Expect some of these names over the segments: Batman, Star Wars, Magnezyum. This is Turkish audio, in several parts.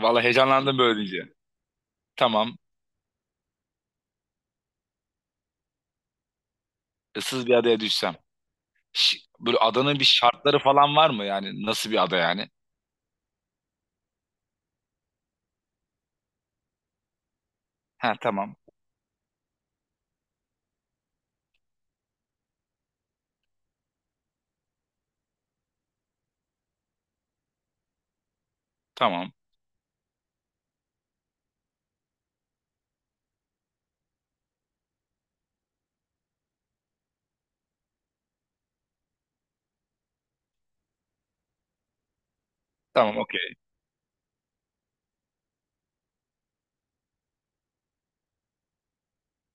Vallahi heyecanlandım böyle deyince. Tamam. Issız bir adaya düşsem. Böyle adanın bir şartları falan var mı yani? Nasıl bir ada yani? Ha tamam. Tamam. Tamam, okey.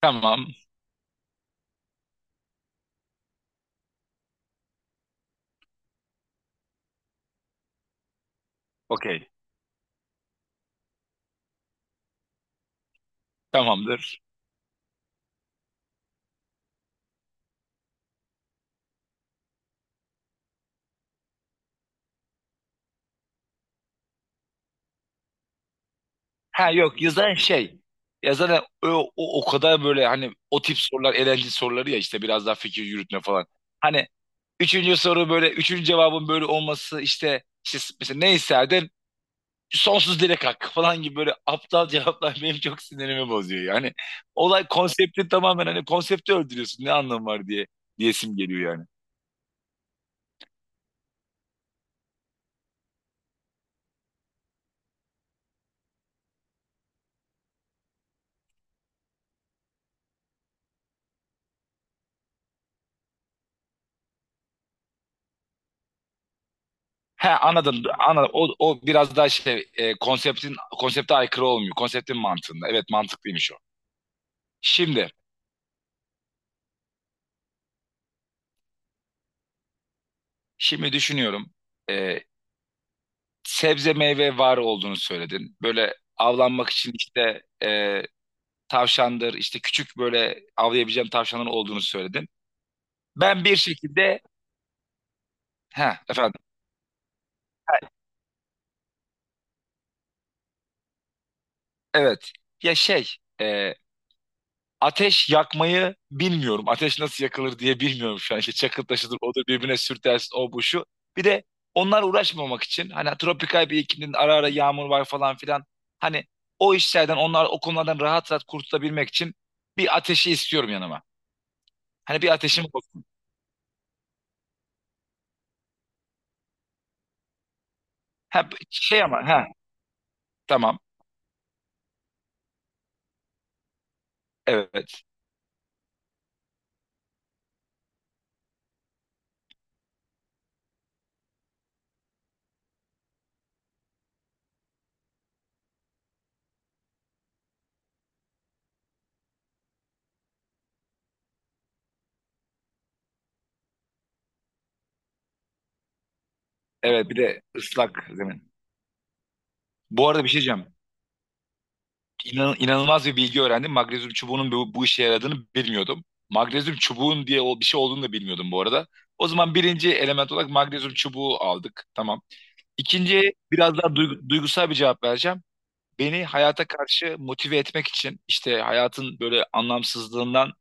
Tamam. Okey. Tamamdır. Ha, yok yazan şey. Yazan o kadar böyle hani o tip sorular eğlenceli soruları ya işte biraz daha fikir yürütme falan. Hani üçüncü soru böyle üçüncü cevabın böyle olması işte, mesela ne isterdin? Sonsuz dilek hakkı falan gibi böyle aptal cevaplar benim çok sinirimi bozuyor. Yani olay konsepti tamamen hani konsepti öldürüyorsun ne anlamı var diye diyesim geliyor yani. He, anladım. Anladım. O, o biraz daha şey konseptin konsepte aykırı olmuyor. Konseptin mantığında. Evet, mantıklıymış o. Şimdi şimdi düşünüyorum. E, Sebze meyve var olduğunu söyledin. Böyle avlanmak için işte tavşandır işte küçük böyle avlayabileceğim tavşanların olduğunu söyledin. Ben bir şekilde he efendim. Evet. Ya şey, e, ateş yakmayı bilmiyorum. Ateş nasıl yakılır diye bilmiyorum şu an. İşte çakıl taşıdır, odur birbirine sürtersin, o bu şu. Bir de onlar uğraşmamak için hani tropikal bir iklimde ara ara yağmur var falan filan. Hani o işlerden onlar o konulardan rahat rahat kurtulabilmek için bir ateşi istiyorum yanıma. Hani bir ateşim olsun. Ha, şey ama ha, tamam. Evet. Evet, bir de ıslak zemin. Bu arada bir şey diyeceğim. İnanılmaz bir bilgi öğrendim. Magnezyum çubuğunun bu işe yaradığını bilmiyordum. Magnezyum çubuğun diye bir şey olduğunu da bilmiyordum bu arada. O zaman birinci element olarak magnezyum çubuğu aldık. Tamam. İkinciye biraz daha duygusal bir cevap vereceğim. Beni hayata karşı motive etmek için işte hayatın böyle anlamsızlığından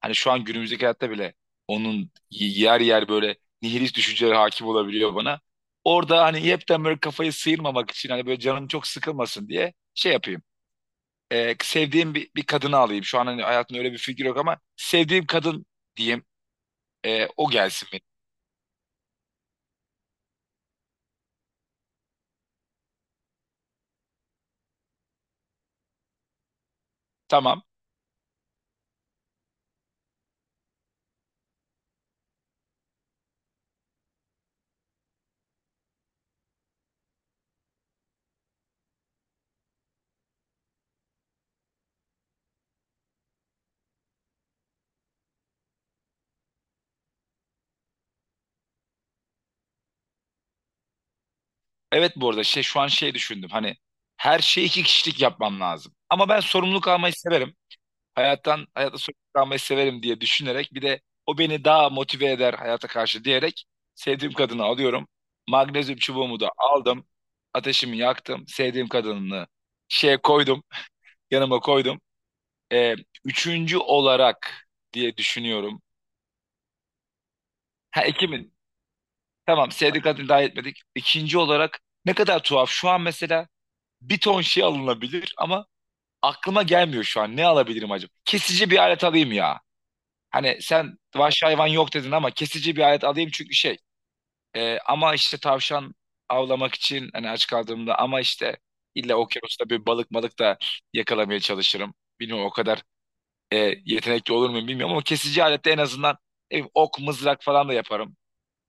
hani şu an günümüzdeki hayatta bile onun yer yer böyle nihilist düşünceleri hakim olabiliyor bana. Orada hani hepten böyle kafayı sıyırmamak için hani böyle canım çok sıkılmasın diye şey yapayım, sevdiğim bir kadını alayım. Şu an hani hayatımda öyle bir figür yok ama sevdiğim kadın diyeyim. E, o gelsin benim. Tamam. Evet, bu arada şey şu an şey düşündüm. Hani her şeyi iki kişilik yapmam lazım. Ama ben sorumluluk almayı severim. Hayatta sorumluluk almayı severim diye düşünerek bir de o beni daha motive eder hayata karşı diyerek sevdiğim kadını alıyorum. Magnezyum çubuğumu da aldım. Ateşimi yaktım. Sevdiğim kadını şeye koydum. Yanıma koydum. E, üçüncü olarak diye düşünüyorum. Ha, Ekim'in. Tamam, Sevdik adını dahil etmedik. İkinci olarak ne kadar tuhaf. Şu an mesela bir ton şey alınabilir ama aklıma gelmiyor şu an. Ne alabilirim acaba? Kesici bir alet alayım ya. Hani sen vahşi hayvan yok dedin ama kesici bir alet alayım çünkü şey. Ama işte tavşan avlamak için hani aç kaldığımda ama işte illa okyanusta bir balık malık da yakalamaya çalışırım. Bilmiyorum o kadar e, yetenekli olur muyum bilmiyorum ama kesici alette en azından ne bileyim, ok mızrak falan da yaparım.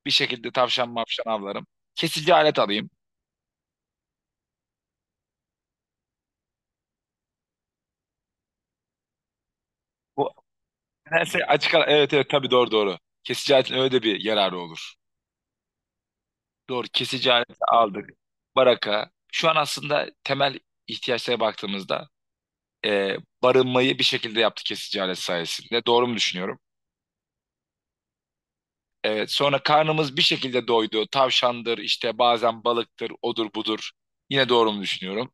Bir şekilde tavşan mavşan avlarım. Kesici alet alayım. Bu nedense evet evet, tabii, doğru doğru. Kesici aletin öyle de bir yararı olur. Doğru, kesici aleti aldık. Baraka. Şu an aslında temel ihtiyaçlara baktığımızda e, barınmayı bir şekilde yaptı kesici alet sayesinde. Doğru mu düşünüyorum? Evet, sonra karnımız bir şekilde doydu. Tavşandır, işte bazen balıktır, odur budur. Yine doğru mu düşünüyorum?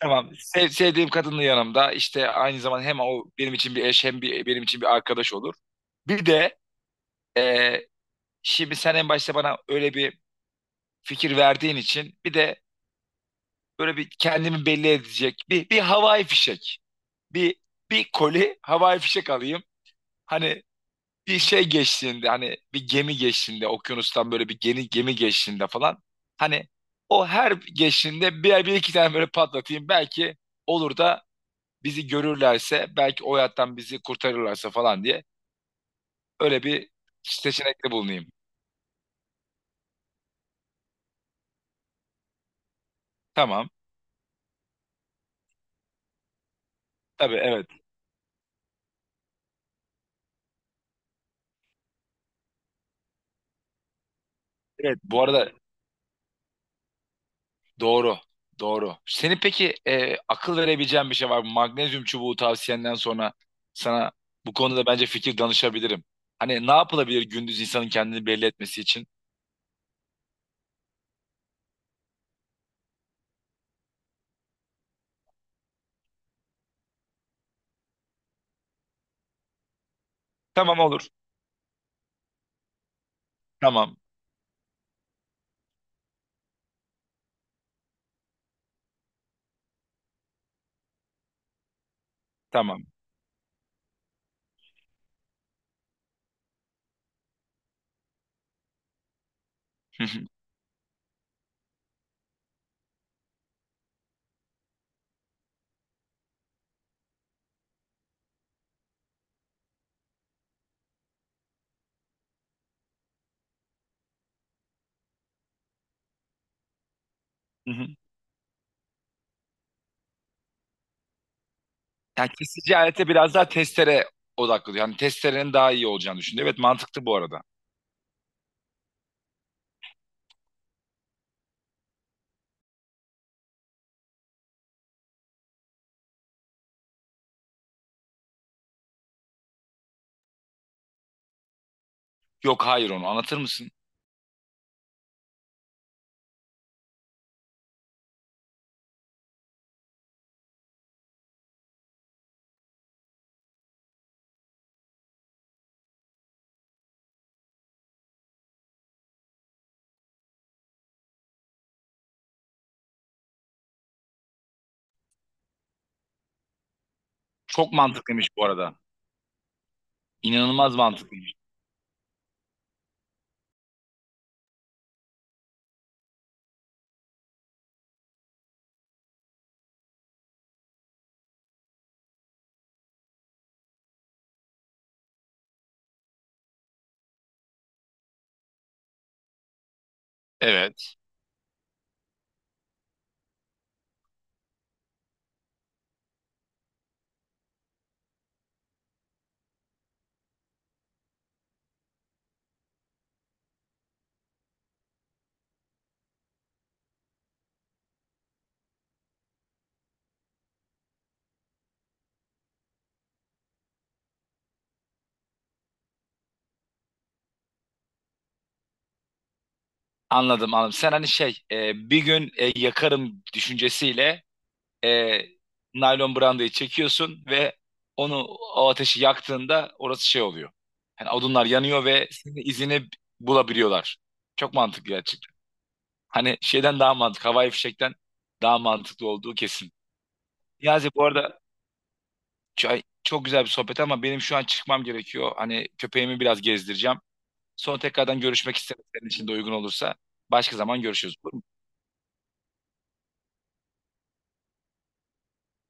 Tamam. Sevdiğim kadının yanımda işte aynı zaman hem o benim için bir eş hem benim için bir arkadaş olur. Bir de e, şimdi sen en başta bana öyle bir fikir verdiğin için bir de böyle bir kendimi belli edecek bir havai fişek. Bir Bir koli havai fişek alayım. Hani bir şey geçtiğinde hani bir gemi geçtiğinde okyanustan böyle bir gemi geçtiğinde falan hani o her geçtiğinde bir iki tane böyle patlatayım belki olur da bizi görürlerse belki o hayattan bizi kurtarırlarsa falan diye öyle bir seçenekte bulunayım. Tamam. Tabii, evet. Evet, bu arada doğru. Doğru. Senin peki akıl verebileceğin bir şey var mı? Magnezyum çubuğu tavsiyenden sonra sana bu konuda bence fikir danışabilirim. Hani ne yapılabilir gündüz insanın kendini belli etmesi için? Tamam, olur. Tamam. Tamam. Hı hı, hı hı. Yani kesici alete biraz daha testere odaklı. Yani testerenin daha iyi olacağını düşündü. Evet, mantıklı bu arada. Yok, hayır, onu anlatır mısın? Çok mantıklıymış bu arada. İnanılmaz mantıklıymış. Evet. Anladım anladım. Sen hani şey bir gün yakarım düşüncesiyle e, naylon brandayı çekiyorsun ve onu o ateşi yaktığında orası şey oluyor. Yani odunlar yanıyor ve senin izini bulabiliyorlar. Çok mantıklı gerçekten. Hani şeyden daha mantıklı, havai fişekten daha mantıklı olduğu kesin. Niyazi bu arada çok güzel bir sohbet ama benim şu an çıkmam gerekiyor. Hani köpeğimi biraz gezdireceğim. Sonra tekrardan görüşmek isterim senin için de uygun olursa. Başka zaman görüşürüz. Olur mu?